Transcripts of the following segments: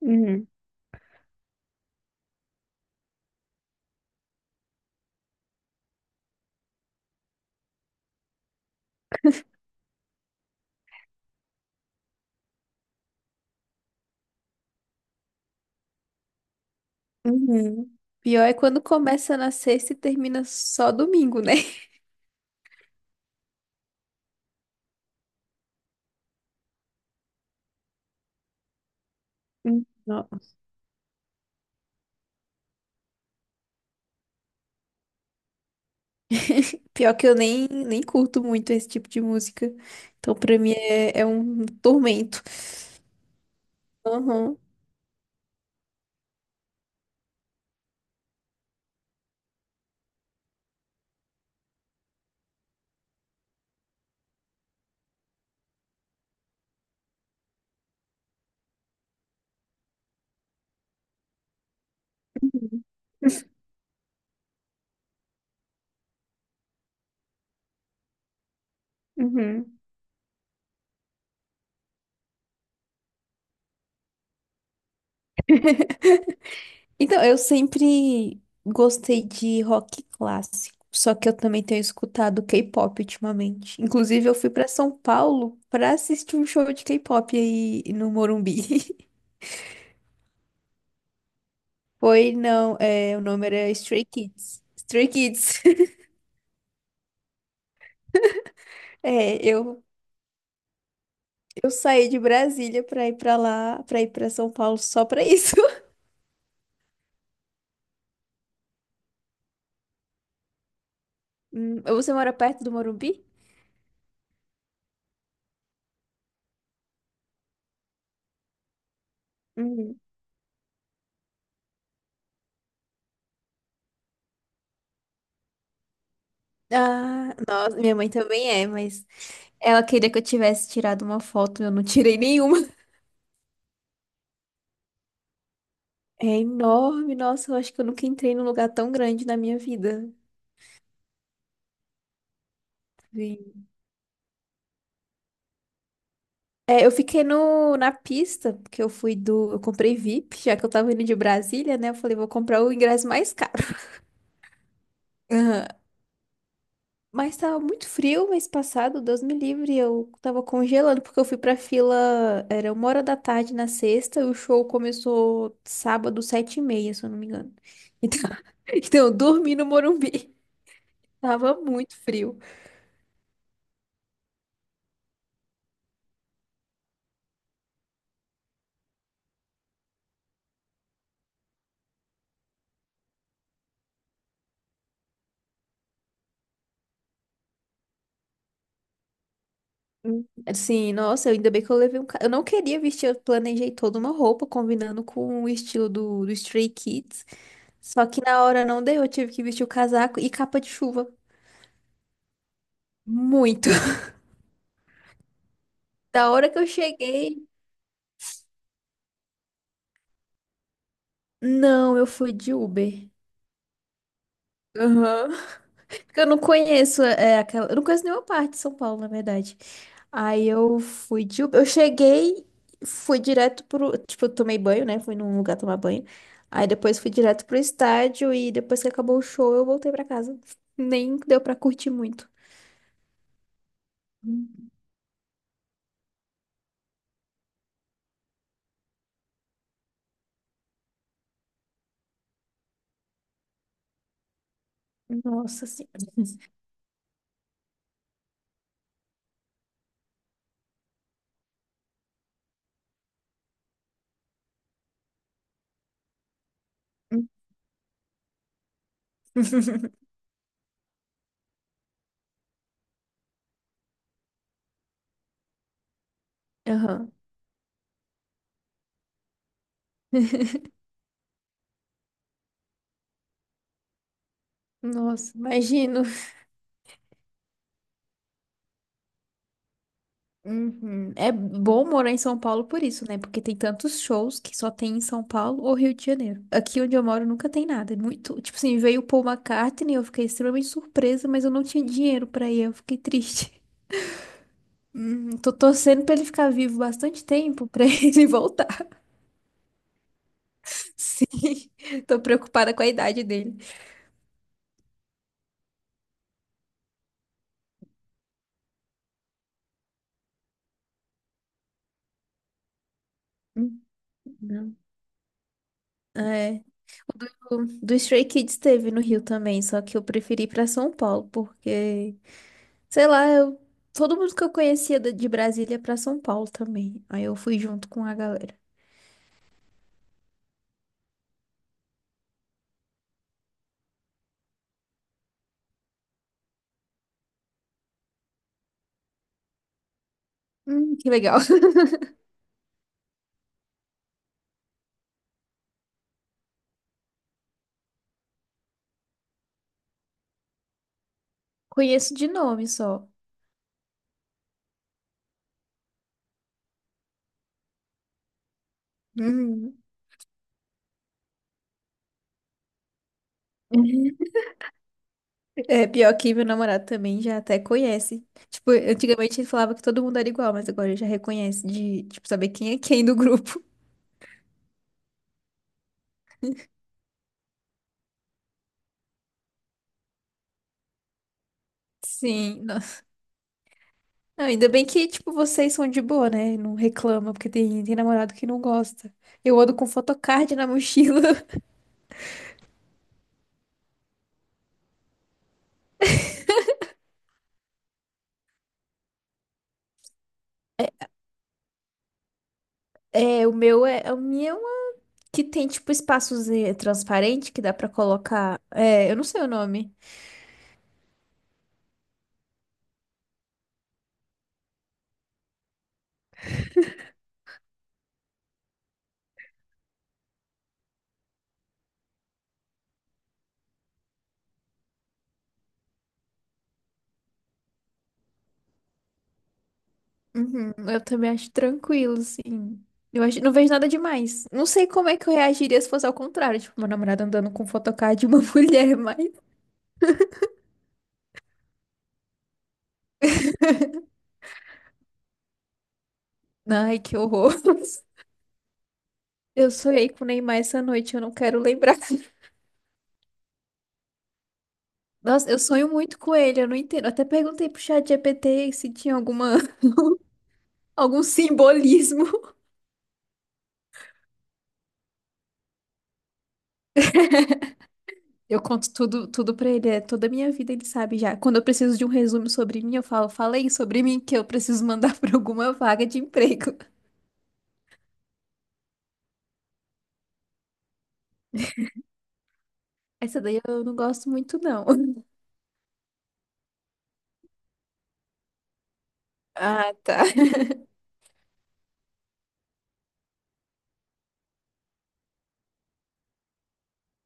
Uhum. Uhum. Pior é quando começa na sexta e termina só domingo, né? Uhum. Não. Pior que eu nem curto muito esse tipo de música. Então, pra mim, é um tormento. Uhum. Uhum. Uhum. Então, eu sempre gostei de rock clássico. Só que eu também tenho escutado K-pop ultimamente. Inclusive, eu fui pra São Paulo pra assistir um show de K-pop aí no Morumbi. Foi, não, é, o nome era Stray Kids. Stray Kids. É, eu, eu saí de Brasília pra ir pra lá, pra ir pra São Paulo só pra isso. Hum. Você mora perto do Morumbi? Uhum. Ah, nossa, minha mãe também é, mas ela queria que eu tivesse tirado uma foto, eu não tirei nenhuma. É enorme, nossa, eu acho que eu nunca entrei num lugar tão grande na minha vida. Vi. É, eu fiquei no, na pista, porque eu fui do. Eu comprei VIP, já que eu tava indo de Brasília, né? Eu falei, vou comprar o ingresso mais caro. Mas tava muito frio mês passado, Deus me livre, eu tava congelando porque eu fui pra fila, era uma hora da tarde na sexta, e o show começou sábado, sete e meia, se eu não me engano. Então, então eu dormi no Morumbi. Tava muito frio. Hum. Assim, nossa, ainda bem que eu levei um. Ca- eu não queria vestir, eu planejei toda uma roupa combinando com o, estilo do, do Stray Kids. Só que na hora não deu, eu tive que vestir o casaco e capa de chuva. Muito. Da hora que eu cheguei. Não, eu fui de Uber. Aham. Porque eu não conheço é, aquela. Eu não conheço nenhuma parte de São Paulo, na verdade. Aí eu fui de Uber. Eu cheguei, fui direto pro. Tipo, eu tomei banho, né? Fui num lugar tomar banho. Aí depois fui direto pro estádio e depois que acabou o show, eu voltei pra casa. Nem deu pra curtir muito. Nossa senhora. Aham. Nossa, imagino. Uhum. É bom morar em São Paulo por isso, né? Porque tem tantos shows que só tem em São Paulo ou Rio de Janeiro. Aqui onde eu moro nunca tem nada. É muito, tipo assim, veio o Paul McCartney, eu fiquei extremamente surpresa, mas eu não tinha dinheiro pra ir, eu fiquei triste. Tô torcendo pra ele ficar vivo bastante tempo pra ele voltar. Sim, tô preocupada com a idade dele. Hum. Não. É, o- do Stray Kids teve no Rio também, só que eu preferi ir pra São Paulo, porque sei lá, eu... todo mundo que eu conhecia da- de Brasília pra São Paulo também. Aí eu fui junto com a galera. Que legal. Conheço de nome só. Hum. É, pior que meu namorado também já até conhece. Tipo, antigamente ele falava que todo mundo era igual, mas agora ele já reconhece de, tipo, saber quem é quem do grupo. Sim. Não, Não, ainda bem que, tipo, vocês são de boa, né? Não reclama, porque tem namorado que não gosta. Eu ando com photocard na mochila. É, o meu que tem tipo espaços eh, transparente que dá pra colocar. É, eu não sei o nome. Uhum, eu também acho tranquilo, assim. Eu acho, não vejo nada demais. Não sei como é que eu reagiria se fosse ao contrário. Tipo, meu namorado andando com photocard de uma mulher, mas. Ai, que horror. Eu sonhei com o Neymar essa noite, eu não quero lembrar. Nossa, eu sonho muito com ele, eu não entendo. Eu até perguntei pro chat GPT se tinha alguma, algum simbolismo. Eu conto tudo, tudo pra ele, é toda a minha vida ele sabe já. Quando eu preciso de um resumo sobre mim, eu falo, falei sobre mim que eu preciso mandar pra alguma vaga de emprego. Essa daí eu não gosto muito, não. Ah, tá.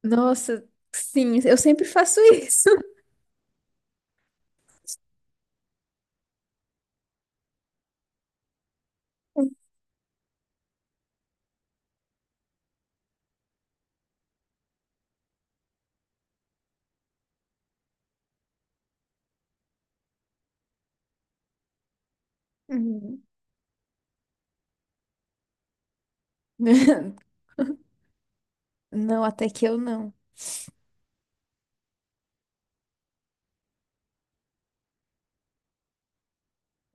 Nossa, sim, eu sempre faço isso. Uhum. Não, até que eu não.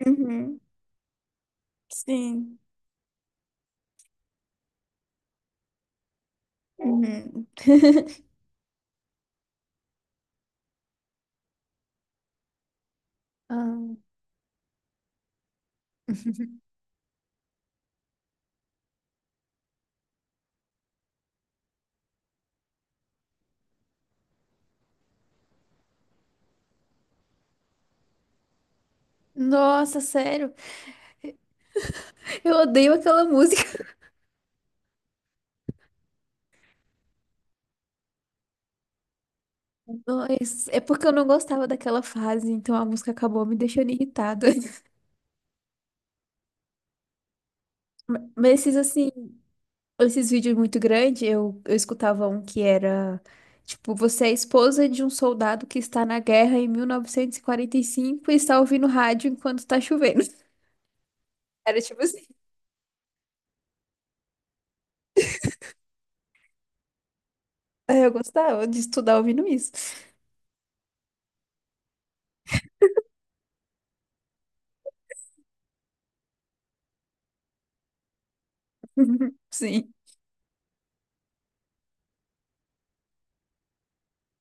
Uhum. Sim. Uhum. Ah. Nossa, sério, eu odeio aquela música. Mas é porque eu não gostava daquela fase, então a música acabou me deixando irritada. Mas esses assim, esses vídeos muito grandes, eu escutava um que era tipo, você é esposa de um soldado que está na guerra em 1945 e quarenta e cinco e está ouvindo rádio enquanto está chovendo. Era tipo assim. Aí eu gostava de estudar ouvindo isso. Sim.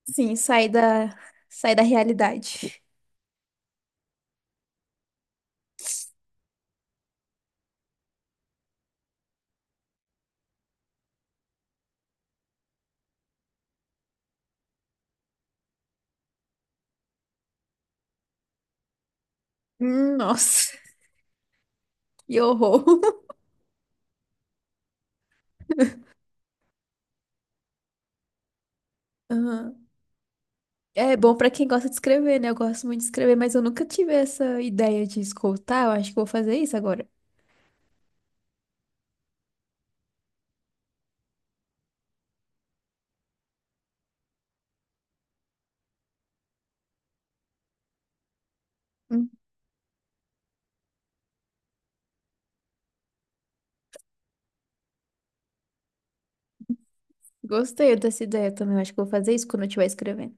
Sim, sai da realidade. Hum. Nossa, que horror. Aham. É bom pra quem gosta de escrever, né? Eu gosto muito de escrever, mas eu nunca tive essa ideia de escutar. Eu acho que vou fazer isso agora. Gostei dessa ideia também. Eu acho que eu vou fazer isso quando eu estiver escrevendo.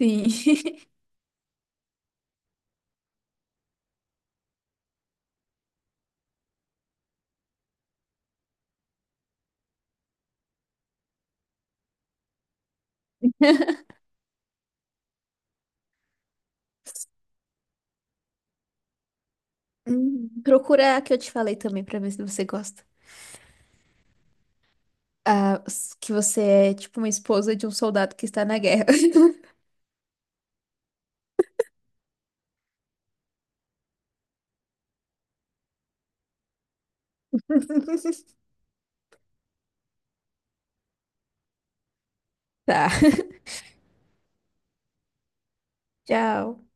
Sim. Procura a que eu te falei também pra ver se você gosta. Ah, s- que você é tipo uma esposa de um soldado que está na guerra. Tá. Tchau.